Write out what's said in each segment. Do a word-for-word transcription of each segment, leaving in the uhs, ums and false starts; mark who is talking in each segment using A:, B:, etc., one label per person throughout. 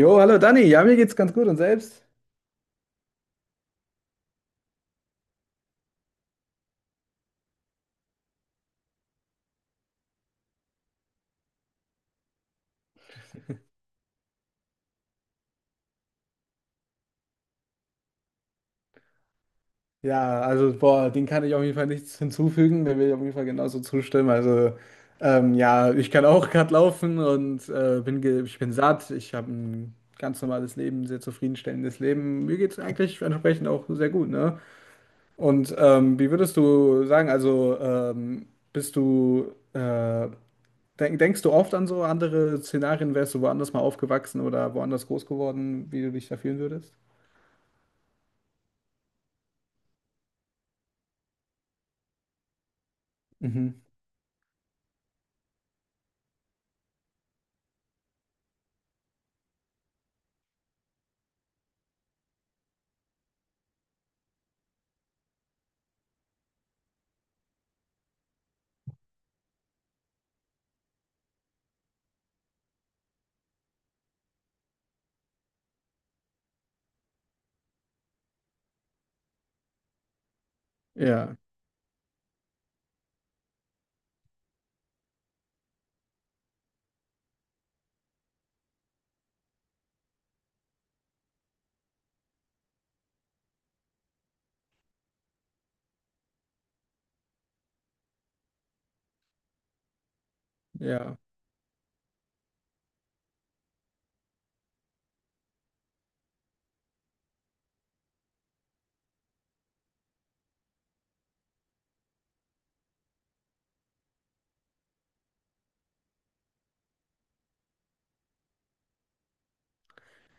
A: Jo, hallo Dani, ja, mir geht's ganz gut und selbst? Ja, also, boah, den kann ich auf jeden Fall nichts hinzufügen, der will ich auf jeden Fall genauso zustimmen. Also, ähm, ja, ich kann auch gerade laufen und äh, bin ge ich bin satt, ich habe ein ganz normales Leben, sehr zufriedenstellendes Leben. Mir geht's eigentlich entsprechend auch sehr gut, ne? Und ähm, wie würdest du sagen, also, ähm, bist du, äh, denk denkst du oft an so andere Szenarien, wärst du woanders mal aufgewachsen oder woanders groß geworden, wie du dich da fühlen würdest? Mhm. Ja. Ja.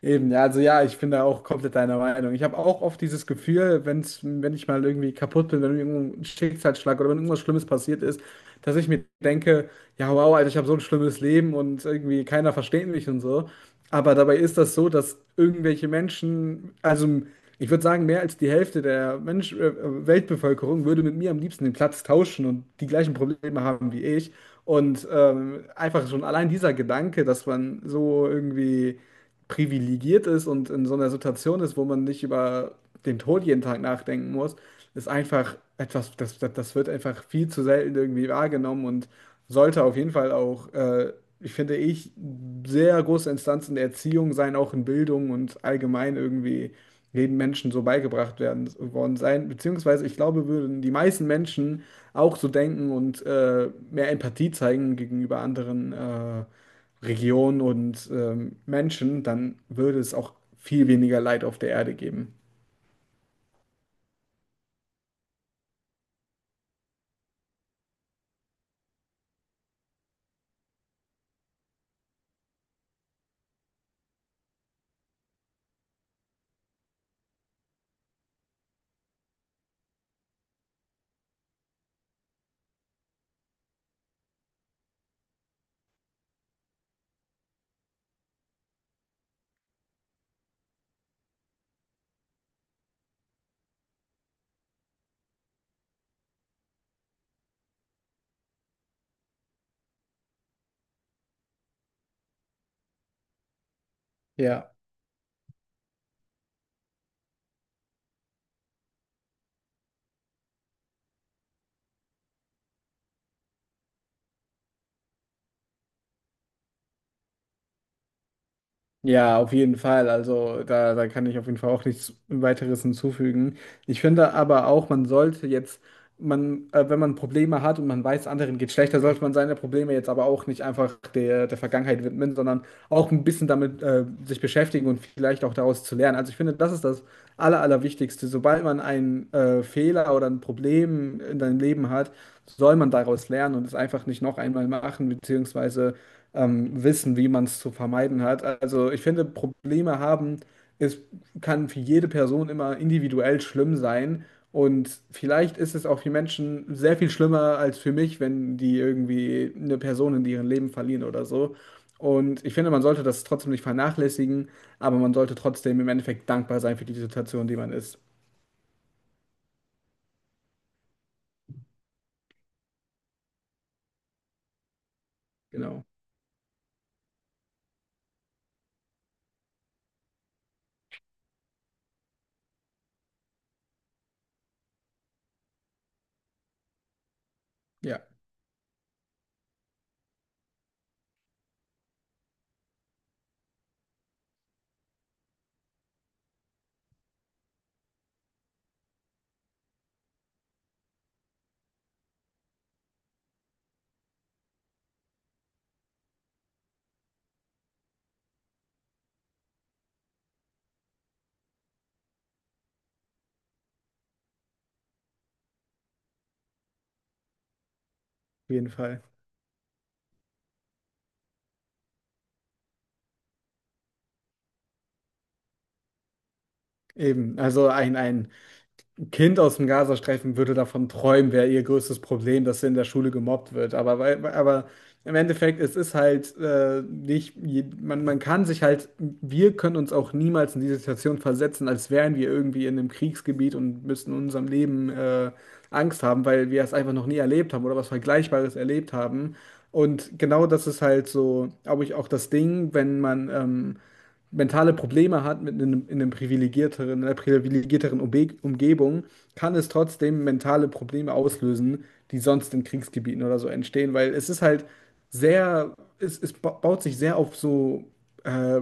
A: Eben, ja, also ja, ich bin da auch komplett deiner Meinung. Ich habe auch oft dieses Gefühl, wenn's, wenn ich mal irgendwie kaputt bin, wenn irgendein Schicksalsschlag oder wenn irgendwas Schlimmes passiert ist, dass ich mir denke, ja, wow, Alter, ich habe so ein schlimmes Leben und irgendwie keiner versteht mich und so. Aber dabei ist das so, dass irgendwelche Menschen, also ich würde sagen, mehr als die Hälfte der Mensch, äh, Weltbevölkerung würde mit mir am liebsten den Platz tauschen und die gleichen Probleme haben wie ich. Und ähm, einfach schon allein dieser Gedanke, dass man so irgendwie privilegiert ist und in so einer Situation ist, wo man nicht über den Tod jeden Tag nachdenken muss, ist einfach etwas, das, das, das wird einfach viel zu selten irgendwie wahrgenommen und sollte auf jeden Fall auch, äh, ich finde ich, sehr große Instanz in der Erziehung sein, auch in Bildung und allgemein irgendwie jedem Menschen so beigebracht werden worden sein. Beziehungsweise ich glaube, würden die meisten Menschen auch so denken und äh, mehr Empathie zeigen gegenüber anderen. Äh, Regionen und ähm, Menschen, dann würde es auch viel weniger Leid auf der Erde geben. Ja. Ja, auf jeden Fall. Also da, da kann ich auf jeden Fall auch nichts weiteres hinzufügen. Ich finde aber auch, man sollte jetzt, man, äh, wenn man Probleme hat und man weiß, anderen geht schlechter, sollte man seine Probleme jetzt aber auch nicht einfach der, der Vergangenheit widmen, sondern auch ein bisschen damit äh, sich beschäftigen und vielleicht auch daraus zu lernen. Also ich finde, das ist das Aller, Allerwichtigste. Sobald man einen äh, Fehler oder ein Problem in seinem Leben hat, soll man daraus lernen und es einfach nicht noch einmal machen, beziehungsweise ähm, wissen, wie man es zu vermeiden hat. Also ich finde, Probleme haben, es kann für jede Person immer individuell schlimm sein. Und vielleicht ist es auch für Menschen sehr viel schlimmer als für mich, wenn die irgendwie eine Person in ihrem Leben verlieren oder so. Und ich finde, man sollte das trotzdem nicht vernachlässigen, aber man sollte trotzdem im Endeffekt dankbar sein für die Situation, die man ist. Genau. Ja, auf jeden Fall. Eben. Also ein, ein Ein Kind aus dem Gazastreifen würde davon träumen, wäre ihr größtes Problem, dass sie in der Schule gemobbt wird. Aber, weil- aber im Endeffekt, es ist halt äh, nicht, je- man, man kann sich halt, wir können uns auch niemals in diese Situation versetzen, als wären wir irgendwie in einem Kriegsgebiet und müssten in unserem Leben äh, Angst haben, weil wir es einfach noch nie erlebt haben oder was Vergleichbares erlebt haben. Und genau das ist halt so, glaube ich, auch das Ding, wenn man ähm, mentale Probleme hat mit einem, in einem privilegierteren, in einer privilegierteren Umbe Umgebung, kann es trotzdem mentale Probleme auslösen, die sonst in Kriegsgebieten oder so entstehen, weil es ist halt sehr, es, es ba- baut sich sehr auf so, äh,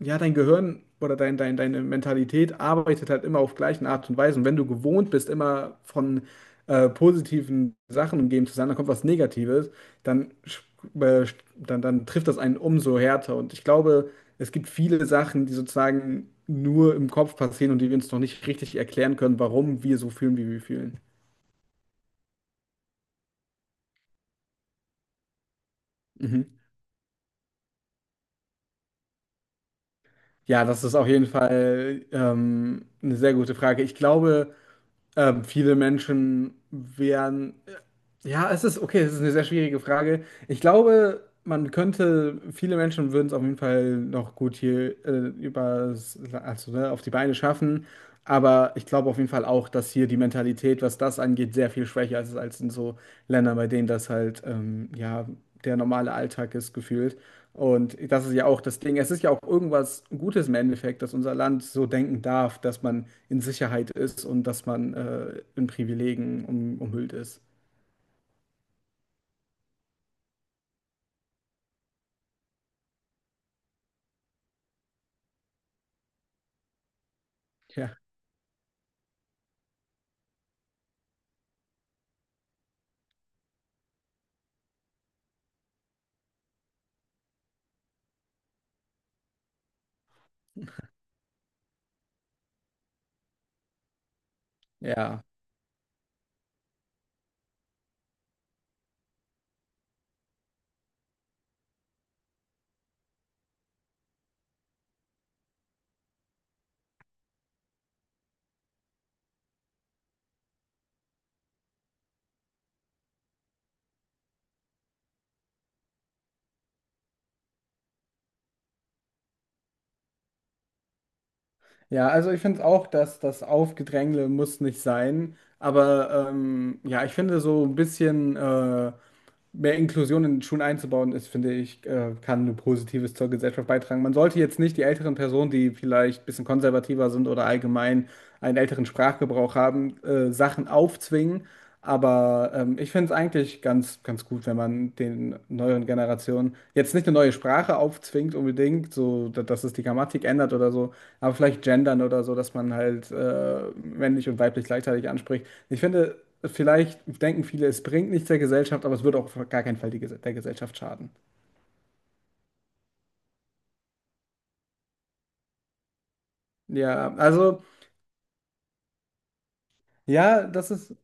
A: ja, dein Gehirn oder dein, dein, deine Mentalität arbeitet halt immer auf gleichen Art und Weise. Und wenn du gewohnt bist, immer von äh, positiven Sachen umgeben zu sein, dann kommt was Negatives, dann, sch- äh, dann, dann trifft das einen umso härter. Und ich glaube, es gibt viele Sachen, die sozusagen nur im Kopf passieren und die wir uns noch nicht richtig erklären können, warum wir so fühlen, wie wir fühlen. Mhm. Ja, das ist auf jeden Fall ähm, eine sehr gute Frage. Ich glaube, ähm, viele Menschen wären ja, es ist okay, es ist eine sehr schwierige Frage. Ich glaube, man könnte, viele Menschen würden es auf jeden Fall noch gut hier äh, übers, also, ne, auf die Beine schaffen. Aber ich glaube auf jeden Fall auch, dass hier die Mentalität, was das angeht, sehr viel schwächer ist als in so Ländern, bei denen das halt ähm, ja der normale Alltag ist, gefühlt. Und das ist ja auch das Ding. Es ist ja auch irgendwas Gutes im Endeffekt, dass unser Land so denken darf, dass man in Sicherheit ist und dass man äh, in Privilegien um, umhüllt ist. Ja. Ja, ja, also ich finde auch, dass das Aufgedrängle muss nicht sein, aber ähm, ja, ich finde so ein bisschen äh, mehr Inklusion in Schulen einzubauen ist, finde ich, äh, kann nur Positives zur Gesellschaft beitragen. Man sollte jetzt nicht die älteren Personen, die vielleicht ein bisschen konservativer sind oder allgemein einen älteren Sprachgebrauch haben, äh, Sachen aufzwingen, aber ähm, ich finde es eigentlich ganz, ganz gut, wenn man den neueren Generationen jetzt nicht eine neue Sprache aufzwingt unbedingt, so da- dass es die Grammatik ändert oder so. Aber vielleicht gendern oder so, dass man halt äh, männlich und weiblich gleichzeitig anspricht. Ich finde, vielleicht denken viele, es bringt nichts der Gesellschaft, aber es würde auch auf gar keinen Fall die, Ges- der Gesellschaft schaden. Ja, also, ja, das ist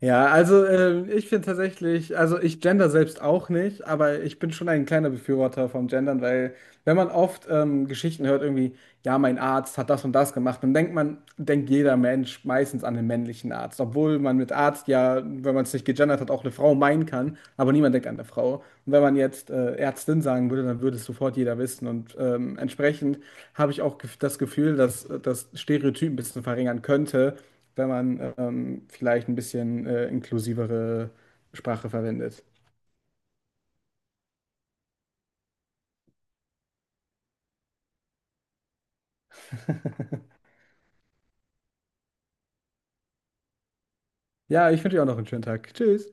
A: Ja, also ähm, ich finde tatsächlich, also ich gender selbst auch nicht, aber ich bin schon ein kleiner Befürworter vom Gendern, weil wenn man oft ähm, Geschichten hört, irgendwie, ja, mein Arzt hat das und das gemacht, dann denkt man, denkt jeder Mensch meistens an den männlichen Arzt, obwohl man mit Arzt ja, wenn man es nicht gegendert hat, auch eine Frau meinen kann, aber niemand denkt an eine Frau. Und wenn man jetzt äh, Ärztin sagen würde, dann würde es sofort jeder wissen und ähm, entsprechend habe ich auch gef- das Gefühl, dass äh, das Stereotyp ein bisschen verringern könnte, wenn man ähm, vielleicht ein bisschen äh, inklusivere Sprache verwendet. Ja, ich wünsche dir auch noch einen schönen Tag. Tschüss.